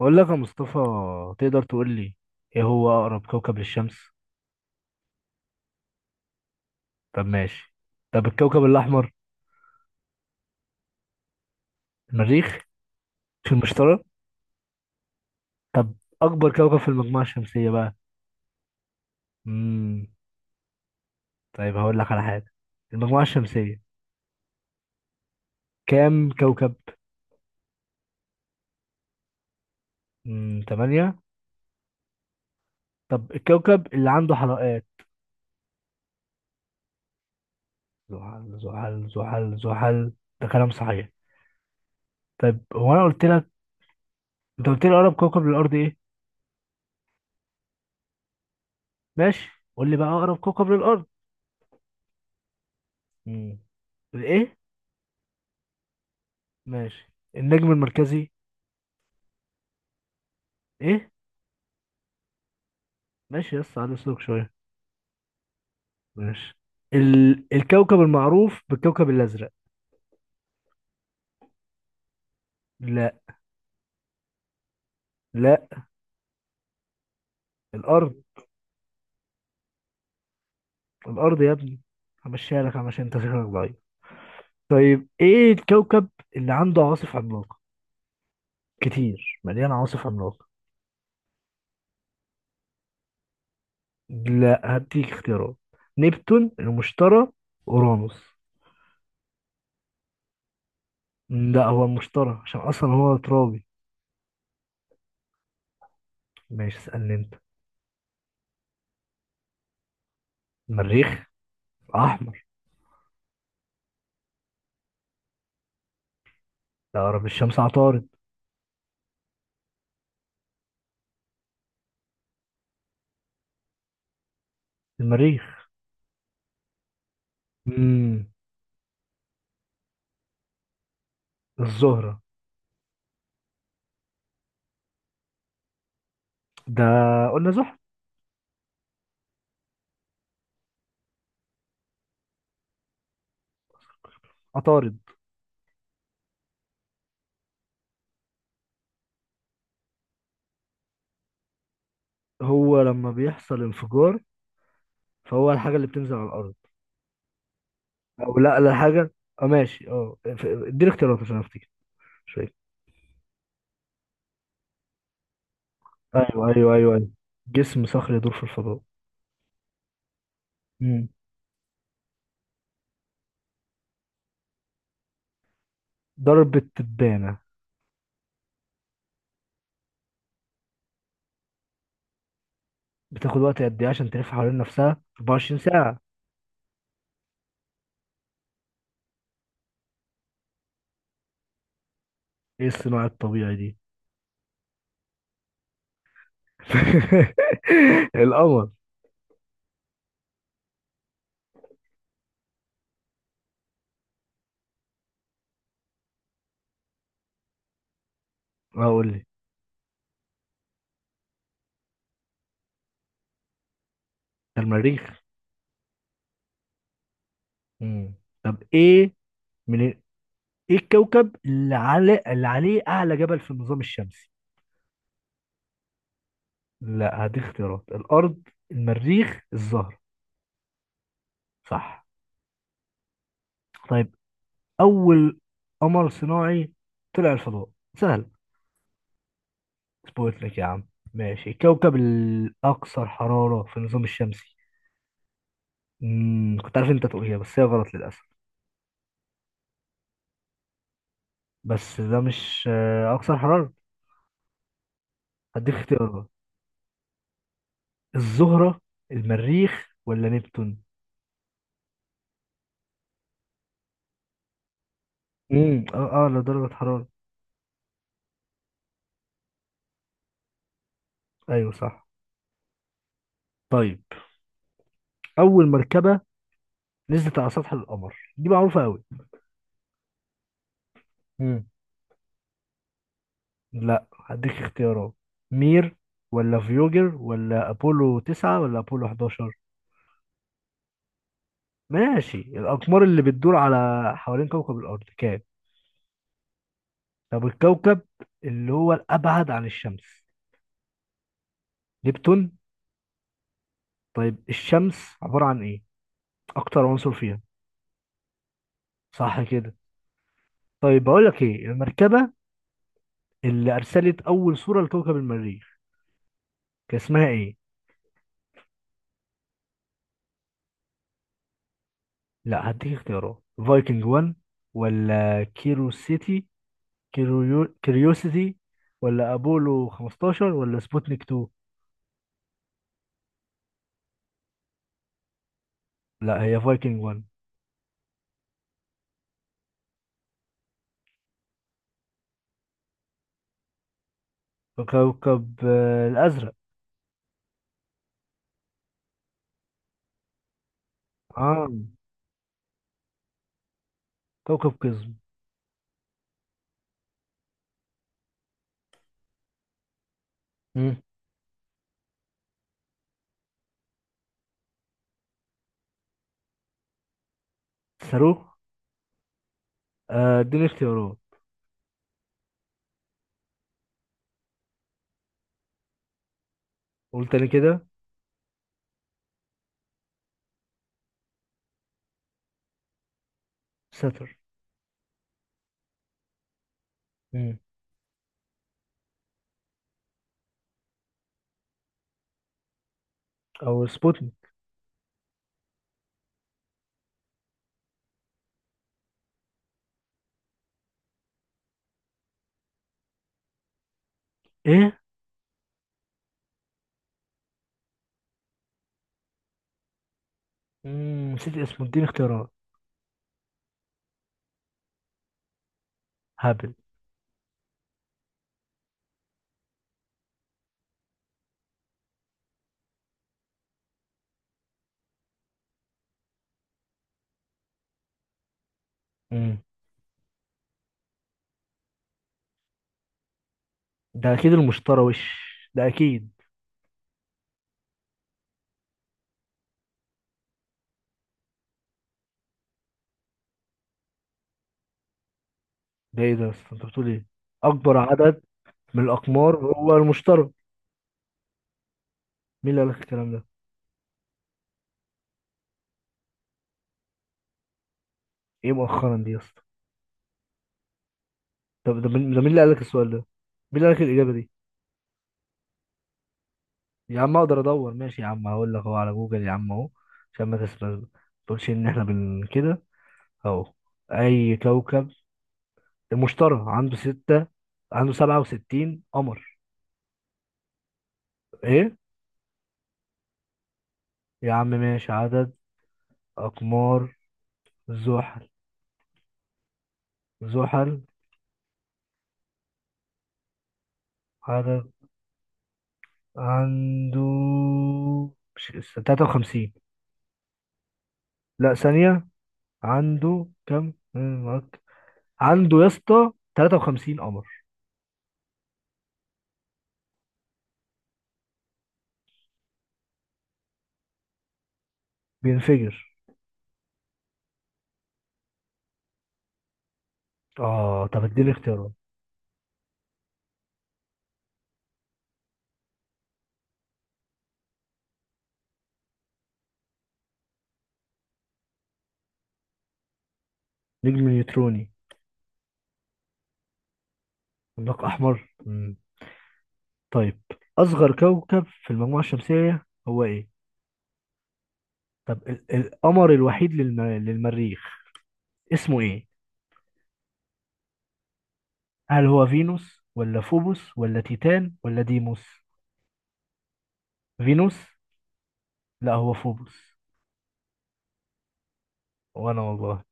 بقول لك يا مصطفى، تقدر تقول لي: ايه هو اقرب كوكب للشمس؟ طب ماشي. طب الكوكب الاحمر؟ المريخ. في المشتري. طب اكبر كوكب في المجموعه الشمسيه بقى؟ امم طيب هقول لك على حاجه. المجموعه الشمسيه كام كوكب؟ 8. طب الكوكب اللي عنده حلقات؟ زحل زحل زحل زحل، ده كلام صحيح. طيب، هو انا قلت لك انت قلت لي اقرب كوكب للارض ايه؟ ماشي. قول لي بقى اقرب كوكب للارض. امم ايه؟ ماشي. النجم المركزي؟ ايه؟ ماشي يس على اسلوب شويه. ماشي. الكوكب المعروف بالكوكب الازرق؟ لا. لا. الارض. الارض يا ابني، همشيها لك عشان انت شكلك ضعيف. طيب، ايه الكوكب اللي عنده عواصف عملاقه كتير، مليان عواصف عملاقه؟ لا، هديك اختيارات: نبتون، المشتري، اورانوس. لا، هو المشتري عشان اصلا هو ترابي. ماشي، اسالني انت. المريخ، احمر. لا، اقرب الشمس عطارد. المريخ. امم الزهرة. ده، قلنا زحل. عطارد. هو لما بيحصل انفجار، فهو الحاجة اللي بتنزل على الأرض. أو لا لا حاجة. أه ماشي اديني اختيارات عشان أفتكر شوية. أيوه أيوه أيوه أيوه، جسم صخري يدور في الفضاء. مم. ضربة تبانة. بتاخد وقت قد إيه عشان تلف حوالين نفسها؟ 24 ساعة. إيه الصناعة الطبيعي دي؟ القمر. هقول لي. ده المريخ. مم. طب إيه؟ من إيه الكوكب اللي على اللي عليه أعلى جبل في النظام الشمسي؟ لا، هديك اختيارات: الأرض، المريخ، الزهرة. صح. طيب، أول قمر صناعي طلع الفضاء، سهل. سبوتنيك يا عم. ماشي. الكوكب الأكثر حرارة في النظام الشمسي؟ مم. كنت عارف أنت تقولها بس هي غلط للأسف. بس ده مش أكثر حرارة. هديك اختيارات: الزهرة، المريخ، ولا نبتون؟ اه اه لدرجة حرارة. ايوه صح. طيب، أول مركبة نزلت على سطح القمر دي معروفة أوي. لا، هديك اختيارات: مير، ولا فيوجر، ولا أبولو 9، ولا أبولو 11. ماشي. الأقمار اللي بتدور على حوالين كوكب الأرض كام؟ طب الكوكب اللي هو الأبعد عن الشمس؟ نبتون. طيب، الشمس عبارة عن إيه؟ أكتر عنصر فيها؟ صح كده. طيب بقول لك، إيه المركبة اللي أرسلت أول صورة لكوكب المريخ، كان اسمها إيه؟ لا، هديك اختيارات: فايكنج 1، ولا كيرو سيتي كيوريوسيتي، ولا ابولو 15، ولا سبوتنيك 2. لا، هي فايكنج 1. كوكب الازرق. اه، كوكب قزم. مم. صاروخ. اديني اختيارات. قول تاني كده. ساتر. مم. او سبوتنيك. ايه؟ مم. نسيت اسمه، اديني اختيارات. هابل. مم. ده اكيد المشتري وش، ده اكيد. ده ايه ده يا اسطى؟ انت بتقول ايه؟ اكبر عدد من الاقمار هو المشتري. مين اللي قال لك الكلام ده؟ ايه مؤخرا دي يا اسطى؟ طب ده مين؟ ده مين اللي قال لك السؤال ده؟ مين اللي قال لك الاجابه دي؟ يا عم، اقدر ادور. ماشي يا عم، هقول لك اهو على جوجل يا عم، اهو عشان ما تسرقش، ما تقولش ان احنا بن كده. اهو. اي كوكب المشتري عنده ستة، عنده سبعة وستين قمر. ايه؟ يا عم ماشي. عدد اقمار زحل. زحل، عدد. عنده، مش 53؟ لا، ثانية. عنده كم؟ عنده يا اسطى 53 قمر. بينفجر. اه، طب اديني اختيارات. نجم نيوتروني. عملاق احمر. مم. طيب، اصغر كوكب في المجموعه الشمسيه هو ايه؟ طب القمر الوحيد للمريخ اسمه ايه؟ هل هو فينوس، ولا فوبوس، ولا تيتان، ولا ديموس؟ فينوس. لا، هو فوبوس. وانا والله.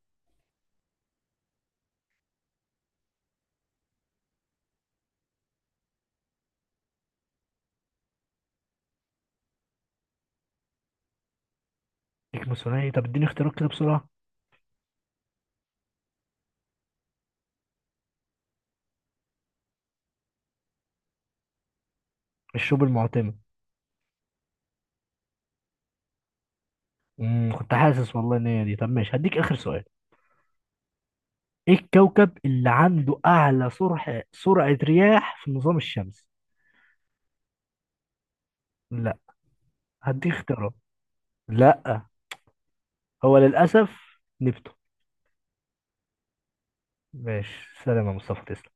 ديك ثنائي، طب اديني اختيارات كده بسرعه. الشوب المعتمه. كنت حاسس والله ان هي دي. طب ماشي، هديك اخر سؤال. ايه الكوكب اللي عنده اعلى سرعه رياح في النظام الشمسي؟ لا، هدي اختيارات. لا، هو للأسف نبته. ماشي، سلام يا مصطفى، تسلم.